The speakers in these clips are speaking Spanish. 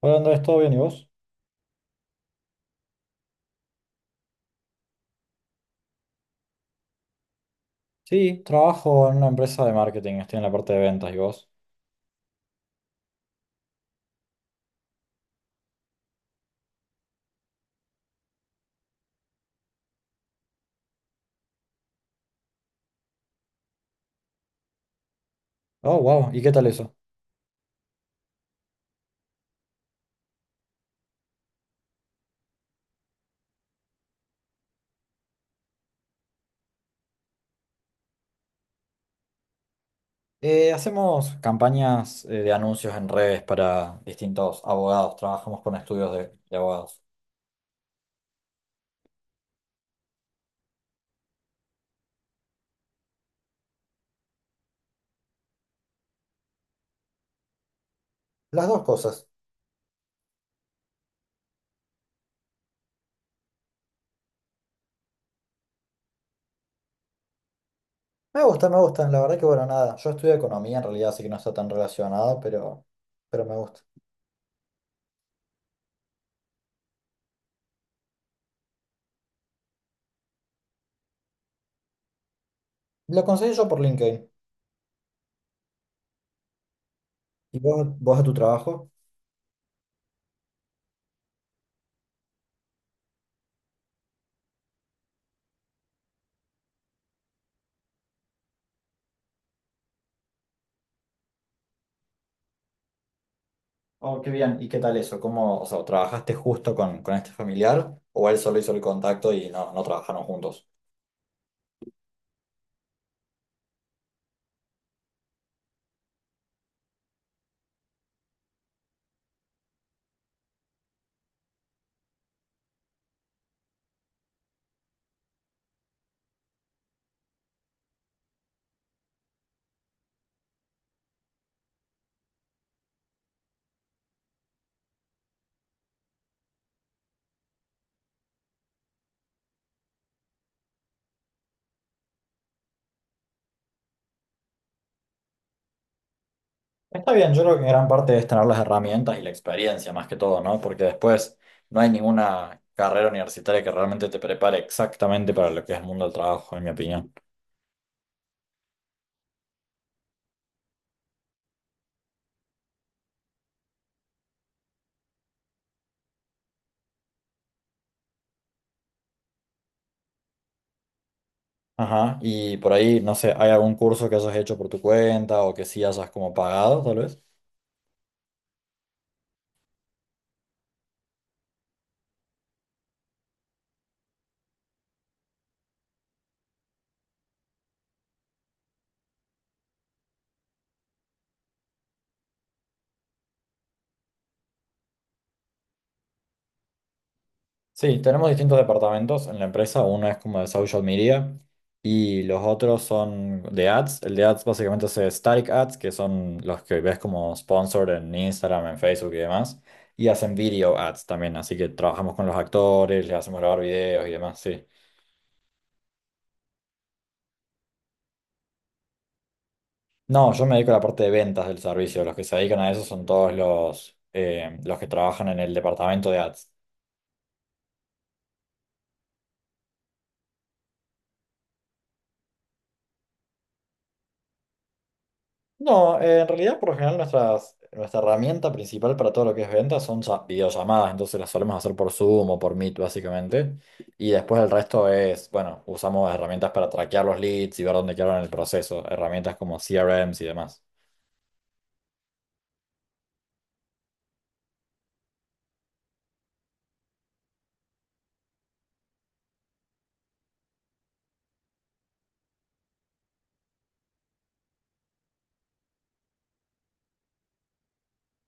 Hola Andrés, ¿todo bien y vos? Sí, trabajo en una empresa de marketing, estoy en la parte de ventas y vos. Oh, wow, ¿y qué tal eso? Hacemos campañas de anuncios en redes para distintos abogados, trabajamos con estudios de abogados. Las dos cosas. Me gusta, me gustan, la verdad que bueno, nada, yo estudio economía en realidad, así que no está tan relacionado, pero me gusta. Lo conseguí yo por LinkedIn. ¿Y vos a tu trabajo? Oh, qué bien, ¿y qué tal eso? ¿Cómo, o sea, trabajaste justo con este familiar o él solo hizo el contacto y no trabajaron juntos? Está bien, yo creo que gran parte es tener las herramientas y la experiencia más que todo, ¿no? Porque después no hay ninguna carrera universitaria que realmente te prepare exactamente para lo que es el mundo del trabajo, en mi opinión. Ajá, y por ahí, no sé, ¿hay algún curso que hayas hecho por tu cuenta o que sí hayas como pagado, tal vez? Sí, tenemos distintos departamentos en la empresa. Uno es como de social media y los otros son de ads. El de ads básicamente es static ads, que son los que ves como sponsor en Instagram, en Facebook y demás. Y hacen video ads también, así que trabajamos con los actores, les hacemos grabar videos y demás, sí. No, yo me dedico a la parte de ventas del servicio. Los que se dedican a eso son todos los que trabajan en el departamento de ads. No, en realidad por lo general nuestra herramienta principal para todo lo que es ventas son videollamadas, entonces las solemos hacer por Zoom o por Meet básicamente. Y después el resto es, bueno, usamos herramientas para traquear los leads y ver dónde quedaron en el proceso, herramientas como CRMs y demás.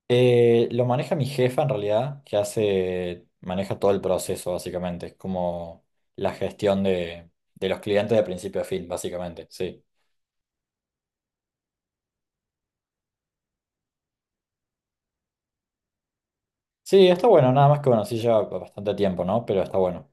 Lo maneja mi jefa en realidad, maneja todo el proceso básicamente, es como la gestión de, de los clientes de principio a fin básicamente, sí. Sí, está bueno, nada más que bueno, sí lleva bastante tiempo, ¿no? Pero está bueno.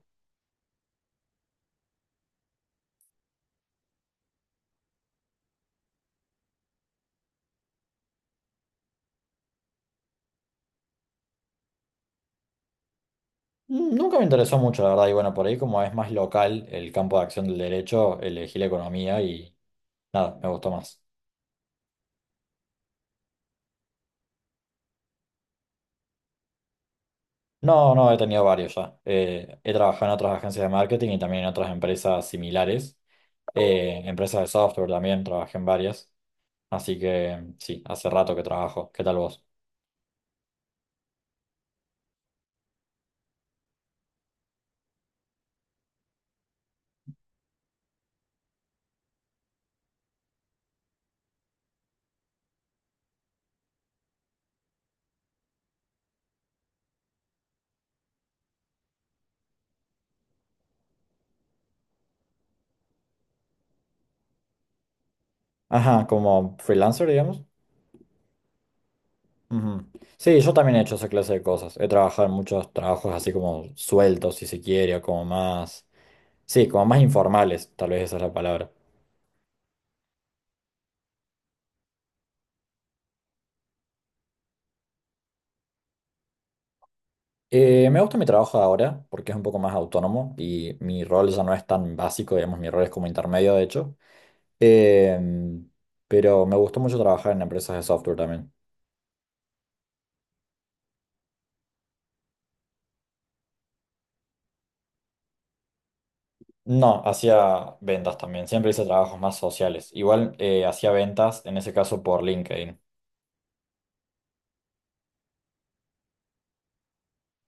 Mm, nunca me interesó mucho, la verdad, y bueno, por ahí como es más local el campo de acción del derecho, elegí la economía y nada, me gustó más. No, no, he tenido varios ya. He trabajado en otras agencias de marketing y también en otras empresas similares. Empresas de software también, trabajé en varias. Así que sí, hace rato que trabajo. ¿Qué tal vos? Ajá, como freelancer, digamos. Ujú. Sí, yo también he hecho esa clase de cosas. He trabajado en muchos trabajos así como sueltos, si se quiere, o como más... Sí, como más informales, tal vez esa es la palabra. Me gusta mi trabajo de ahora porque es un poco más autónomo y mi rol ya no es tan básico, digamos, mi rol es como intermedio, de hecho. Em, pero me gustó mucho trabajar en empresas de software también. No, hacía ventas también, siempre hice trabajos más sociales. Igual hacía ventas, en ese caso por LinkedIn.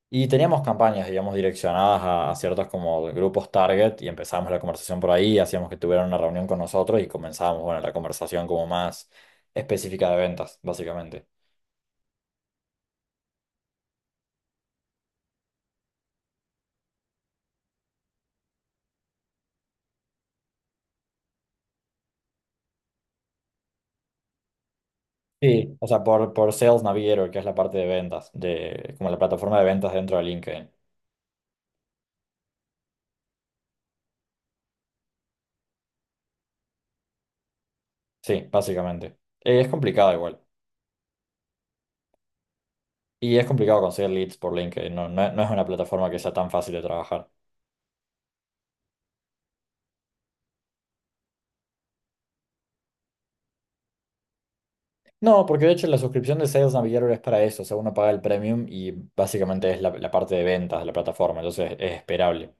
Y teníamos campañas, digamos, direccionadas a ciertos como grupos target y empezábamos la conversación por ahí, hacíamos que tuvieran una reunión con nosotros y comenzábamos, bueno, la conversación como más específica de ventas, básicamente. Sí, o sea, por Sales Navigator, que es la parte de ventas, de, como la plataforma de ventas dentro de LinkedIn. Sí, básicamente. Es complicado igual. Y es complicado conseguir leads por LinkedIn. No, no, no es una plataforma que sea tan fácil de trabajar. No, porque de hecho la suscripción de Sales Navigator es para eso. O sea, uno paga el premium y básicamente es la parte de ventas de la plataforma. Entonces es esperable.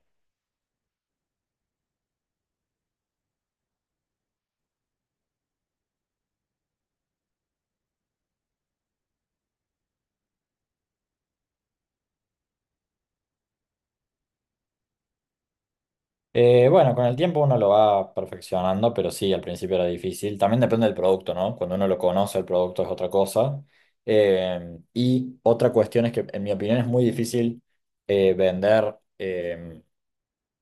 Bueno, con el tiempo uno lo va perfeccionando, pero sí, al principio era difícil. También depende del producto, ¿no? Cuando uno lo conoce, el producto es otra cosa. Y otra cuestión es que, en mi opinión, es muy difícil vender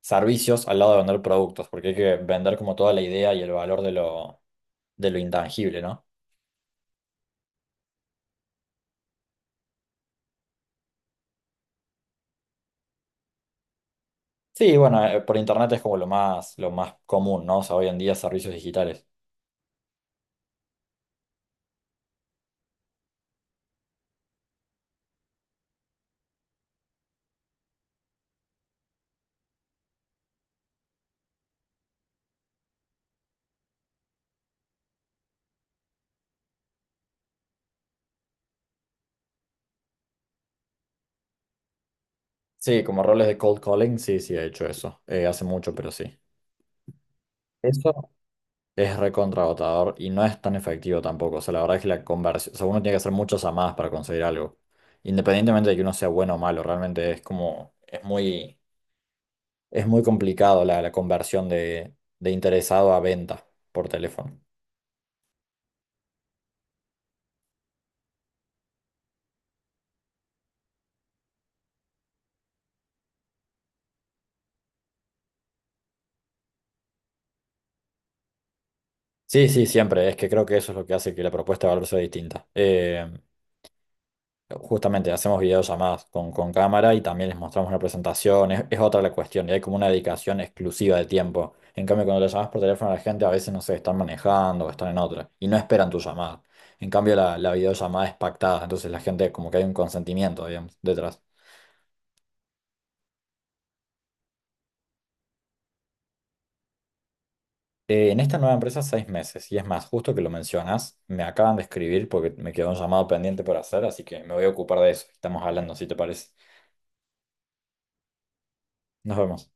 servicios al lado de vender productos, porque hay que vender como toda la idea y el valor de lo intangible, ¿no? Sí, bueno, por internet es como lo más común, ¿no? O sea, hoy en día servicios digitales. Sí, como roles de cold calling, sí, sí, he hecho eso. Hace mucho, pero sí. Eso. Es recontragotador y no es tan efectivo tampoco. O sea, la verdad es que la conversión, o sea, uno tiene que hacer muchas llamadas para conseguir algo. Independientemente de que uno sea bueno o malo, realmente es como, es muy complicado la conversión de interesado a venta por teléfono. Sí, sí, siempre. Es que creo que eso es lo que hace que la propuesta de valor sea distinta. Justamente hacemos videollamadas con cámara y también les mostramos una presentación, es otra la cuestión, y hay como una dedicación exclusiva de tiempo. En cambio, cuando le llamas por teléfono a la gente, a veces no sé, están manejando o están en otra y no esperan tu llamada. En cambio, la videollamada es pactada, entonces la gente como que hay un consentimiento, digamos, detrás. En esta nueva empresa, 6 meses, y es más, justo que lo mencionas, me acaban de escribir porque me quedó un llamado pendiente por hacer, así que me voy a ocupar de eso. Estamos hablando, si te parece. Nos vemos.